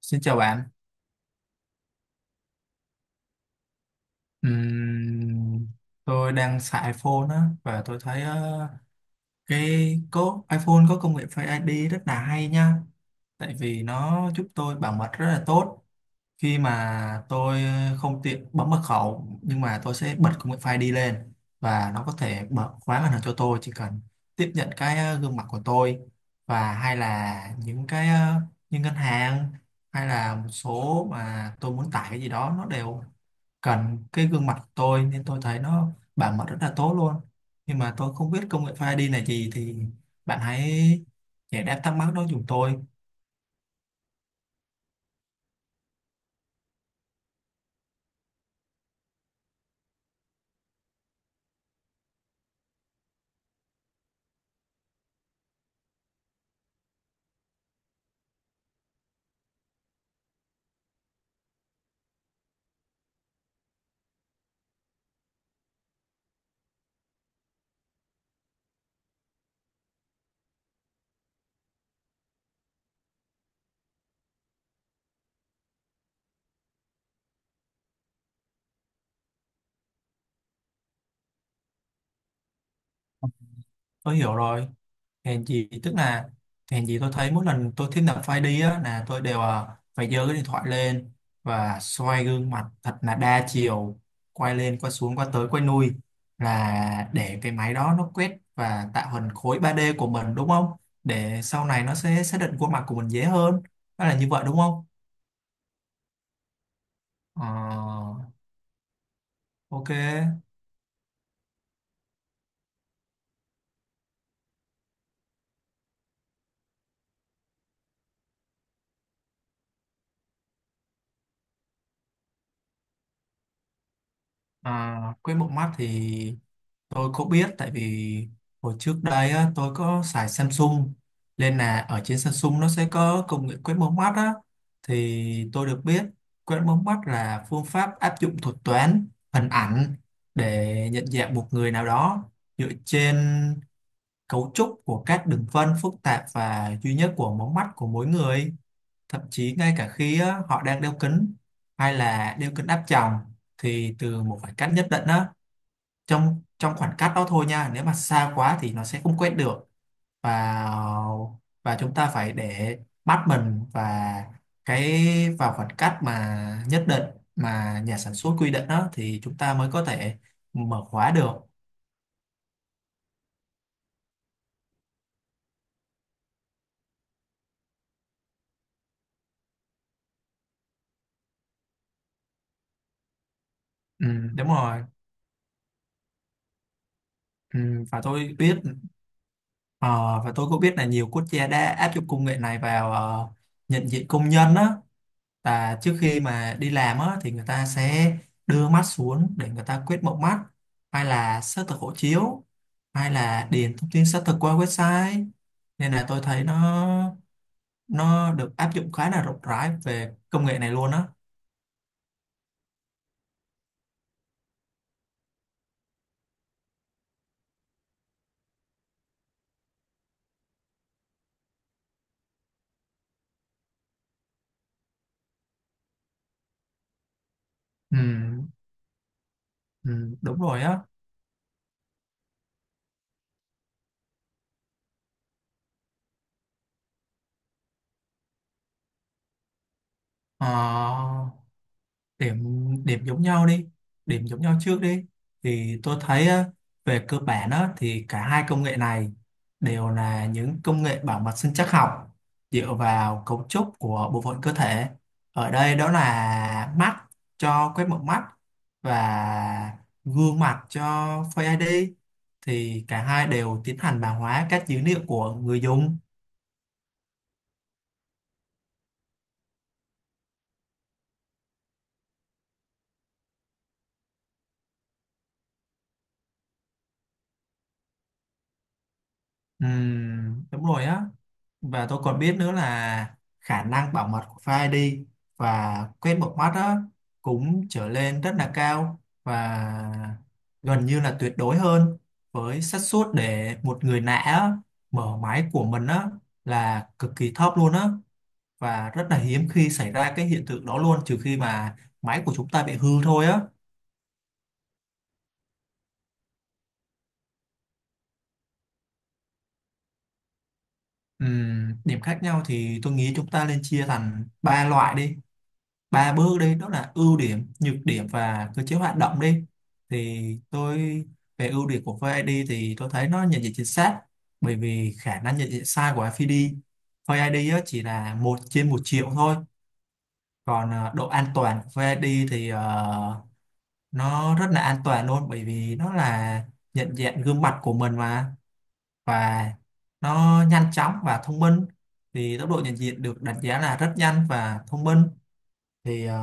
Xin chào bạn. Ừm, tôi đang xài iPhone á, và tôi thấy cái có iPhone có công nghệ Face ID rất là hay nha, tại vì nó giúp tôi bảo mật rất là tốt khi mà tôi không tiện bấm mật khẩu, nhưng mà tôi sẽ bật công nghệ Face ID lên và nó có thể mở khóa màn hình cho tôi, chỉ cần tiếp nhận cái gương mặt của tôi. Và hay là những cái những ngân hàng hay là một số mà tôi muốn tải cái gì đó, nó đều cần cái gương mặt của tôi, nên tôi thấy nó bảo mật rất là tốt luôn. Nhưng mà tôi không biết công nghệ Face ID là gì, thì bạn hãy giải đáp thắc mắc đó giùm tôi. Tôi hiểu rồi, hèn gì tức là hèn gì tôi thấy mỗi lần tôi thiết lập file đi á là tôi đều phải giơ cái điện thoại lên và xoay gương mặt thật là đa chiều, quay lên quay xuống quay tới quay lui, là để cái máy đó nó quét và tạo hình khối 3D của mình đúng không, để sau này nó sẽ xác định khuôn mặt của mình dễ hơn. Đó là như vậy đúng không? Ờ, ok. À, quét một mắt thì tôi cũng biết, tại vì hồi trước đây á, tôi có xài Samsung, nên là ở trên Samsung nó sẽ có công nghệ quét mống mắt á. Thì tôi được biết quét mống mắt là phương pháp áp dụng thuật toán hình ảnh để nhận dạng một người nào đó dựa trên cấu trúc của các đường vân phức tạp và duy nhất của mống mắt của mỗi người, thậm chí ngay cả khi á, họ đang đeo kính hay là đeo kính áp tròng, thì từ một khoảng cách nhất định á, trong trong khoảng cách đó thôi nha, nếu mà xa quá thì nó sẽ không quét được. Và và chúng ta phải để mắt mình và cái vào khoảng cách mà nhất định, mà nhà sản xuất quy định đó, thì chúng ta mới có thể mở khóa được. Ừ, đúng rồi. Ừ, và tôi biết ờ, và tôi cũng biết là nhiều quốc gia đã áp dụng công nghệ này vào nhận diện công nhân á. Và trước khi mà đi làm á, thì người ta sẽ đưa mắt xuống để người ta quét mống mắt, hay là xác thực hộ chiếu, hay là điền thông tin xác thực qua website. Nên là tôi thấy nó được áp dụng khá là rộng rãi về công nghệ này luôn á. Ừ, ừ, đúng rồi á. Ờ, điểm điểm giống nhau đi, điểm giống nhau trước đi. Thì tôi thấy á, về cơ bản á, thì cả hai công nghệ này đều là những công nghệ bảo mật sinh trắc học, dựa vào cấu trúc của bộ phận cơ thể, ở đây đó là mắt cho quét mống mắt và gương mặt cho Face ID. Thì cả hai đều tiến hành mã hóa các dữ liệu của người dùng. Đúng rồi á. Và tôi còn biết nữa là khả năng bảo mật của Face ai đi và quét một mắt đó cũng trở lên rất là cao, và gần như là tuyệt đối hơn, với xác suất để một người lạ á, mở máy của mình á, là cực kỳ thấp luôn á, và rất là hiếm khi xảy ra cái hiện tượng đó luôn, trừ khi mà máy của chúng ta bị hư thôi á. Điểm khác nhau thì tôi nghĩ chúng ta nên chia thành ba loại đi, ba bước đi, đó là ưu điểm, nhược điểm và cơ chế hoạt động đi. Thì tôi Về ưu điểm của VID thì tôi thấy nó nhận diện chính xác, bởi vì khả năng nhận diện sai của VID á, chỉ là một trên một triệu thôi. Còn độ an toàn của VID thì nó rất là an toàn luôn, bởi vì nó là nhận diện gương mặt của mình mà. Và nó nhanh chóng và thông minh, thì tốc độ nhận diện được đánh giá là rất nhanh và thông minh. thì ờ,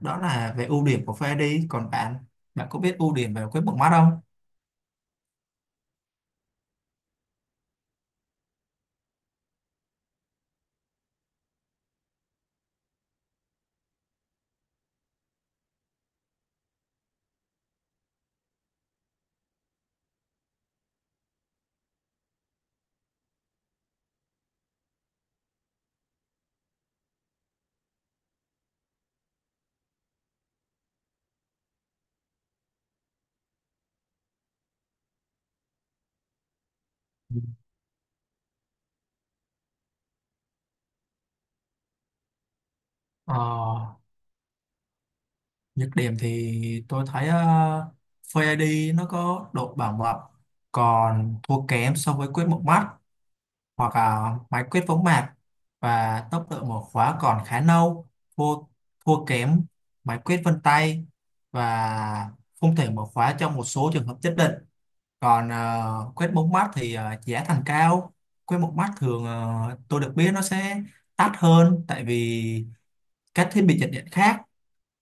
Đó là về ưu điểm của pha đi. Còn bạn, bạn có biết ưu điểm về cái bóng mắt không? Ừ. Ờ, Nhược điểm thì tôi thấy Face ID nó có độ bảo mật còn thua kém so với quét một mắt hoặc là máy quét võng mạc, và tốc độ mở khóa còn khá nâu, thua thua kém máy quét vân tay, và không thể mở khóa trong một số trường hợp nhất định. Còn quét bốn mắt thì giá thành cao. Quét một mắt thường tôi được biết nó sẽ đắt hơn, tại vì các thiết bị chập điện khác.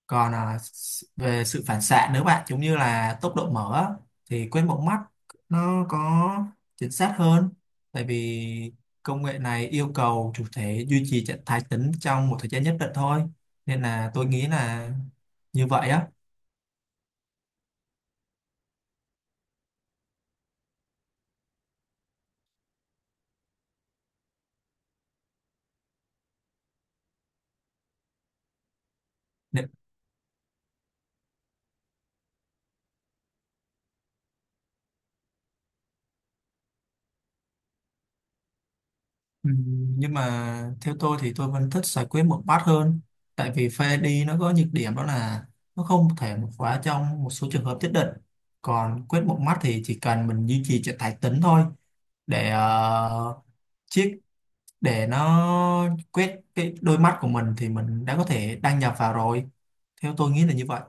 Còn về sự phản xạ, nếu bạn giống như là tốc độ mở á, thì quét một mắt nó có chính xác hơn, tại vì công nghệ này yêu cầu chủ thể duy trì trạng thái tĩnh trong một thời gian nhất định thôi. Nên là tôi nghĩ là như vậy á. Ừ, nhưng mà theo tôi thì tôi vẫn thích giải quyết một bát hơn, tại vì pha đi nó có nhược điểm đó là nó không thể một khóa trong một số trường hợp nhất định. Còn quyết một mắt thì chỉ cần mình duy trì trạng thái tĩnh thôi, để ờ, chiếc để nó quét cái đôi mắt của mình thì mình đã có thể đăng nhập vào rồi. Theo tôi nghĩ là như vậy.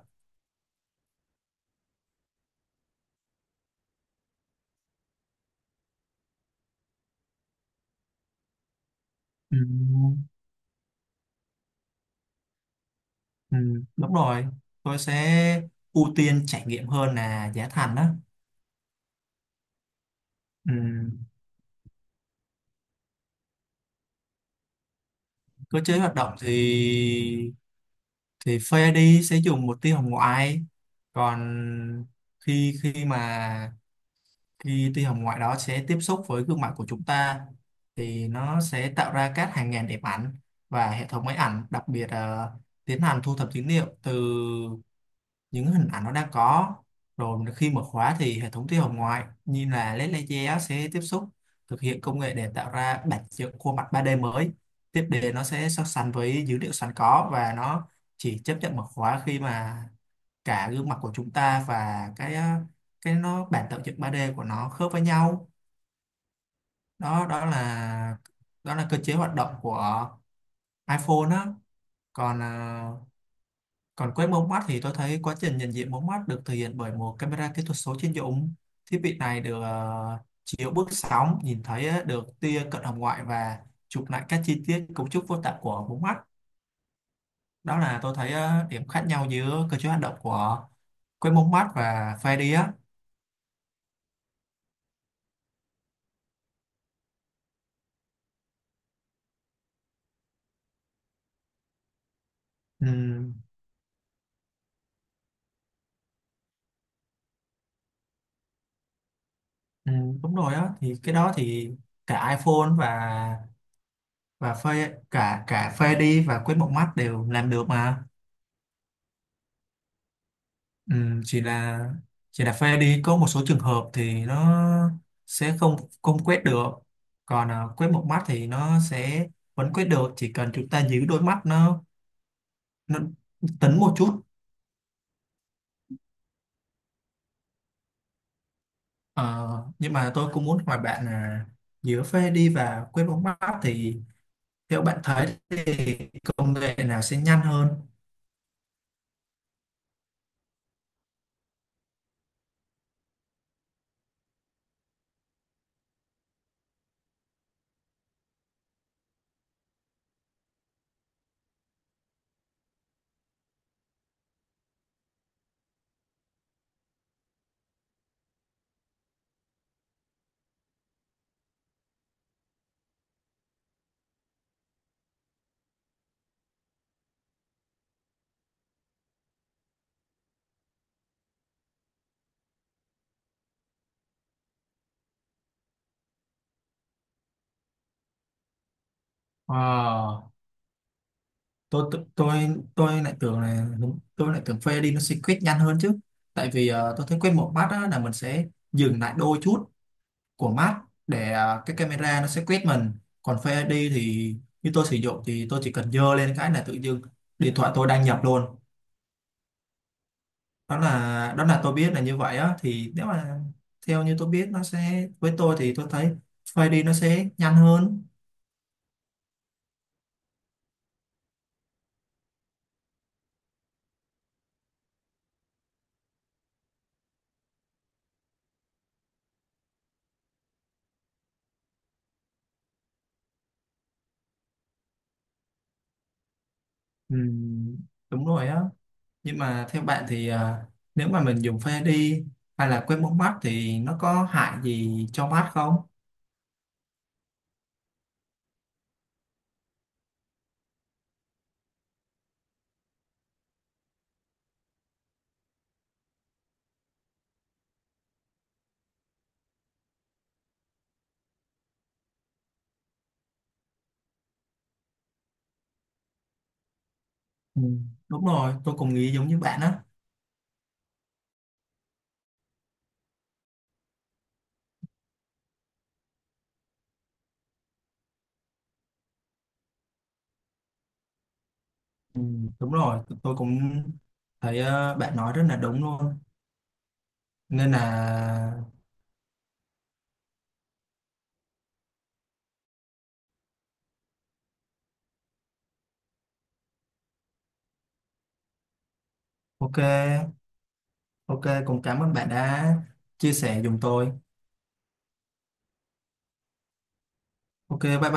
Ừ, ừ, đúng rồi. Tôi sẽ ưu tiên trải nghiệm hơn là giá thành đó. Ừ, cơ chế hoạt động thì Face ai đi sẽ dùng một tia hồng ngoại. Còn khi khi mà khi tia hồng ngoại đó sẽ tiếp xúc với gương mặt của chúng ta, thì nó sẽ tạo ra các hàng ngàn đẹp ảnh, và hệ thống máy ảnh đặc biệt là tiến hành thu thập dữ liệu từ những hình ảnh nó đã có. Rồi khi mở khóa thì hệ thống tia hồng ngoại như là LED laser sẽ tiếp xúc, thực hiện công nghệ để tạo ra bản chất khuôn mặt 3D mới. Tiếp đến nó sẽ so sánh với dữ liệu sẵn có, và nó chỉ chấp nhận mở khóa khi mà cả gương mặt của chúng ta và cái cái nó bản tạo dựng 3D của nó khớp với nhau. Đó đó là Đó là cơ chế hoạt động của iPhone đó. Còn còn quét mống mắt thì tôi thấy quá trình nhận diện mống mắt được thực hiện bởi một camera kỹ thuật số chuyên dụng. Thiết bị này được chiếu bước sóng, nhìn thấy được tia cận hồng ngoại, và chụp lại các chi tiết cấu trúc vô tạng của mống mắt. Đó là tôi thấy điểm khác nhau giữa cơ chế hoạt động của quét mống mắt và Face ID á. Ừ, ừ, đúng rồi á, thì cái đó thì cả iPhone và Face cả cả Face ID và quét mống mắt đều làm được mà. Ừ, chỉ là chỉ là pha đi có một số trường hợp thì nó sẽ không không quét được. Còn à, quét một mắt thì nó sẽ vẫn quét được, chỉ cần chúng ta giữ đôi mắt nó tính một chút. Ờ, nhưng mà tôi cũng muốn hỏi bạn là giữa pha đi và quét một mắt thì theo bạn thấy thì công nghệ nào sẽ nhanh hơn? Ờ, tôi tôi tôi tôi lại tưởng là đúng, tôi lại tưởng phê đi nó sẽ quyết nhanh hơn chứ. Tại vì tôi thấy quyết một mắt á, là mình sẽ dừng lại đôi chút của mắt để cái camera nó sẽ quét mình. Còn phê đi thì như tôi sử dụng thì tôi chỉ cần dơ lên cái là tự dưng điện thoại tôi đăng nhập luôn. Đó là tôi biết là như vậy á. Thì nếu mà theo như tôi biết nó sẽ, với tôi thì tôi thấy phê đi nó sẽ nhanh hơn. Ừ, đúng rồi á. Nhưng mà theo bạn thì nếu mà mình dùng phê đi hay là quét mống mắt thì nó có hại gì cho mắt không? Ừ. Đúng rồi, tôi cũng nghĩ giống như bạn á. Ừ. Đúng rồi, tôi cũng thấy bạn nói rất là đúng luôn. Nên là ok, ok, cũng cảm ơn bạn đã chia sẻ giùm tôi. Ok, bye bye.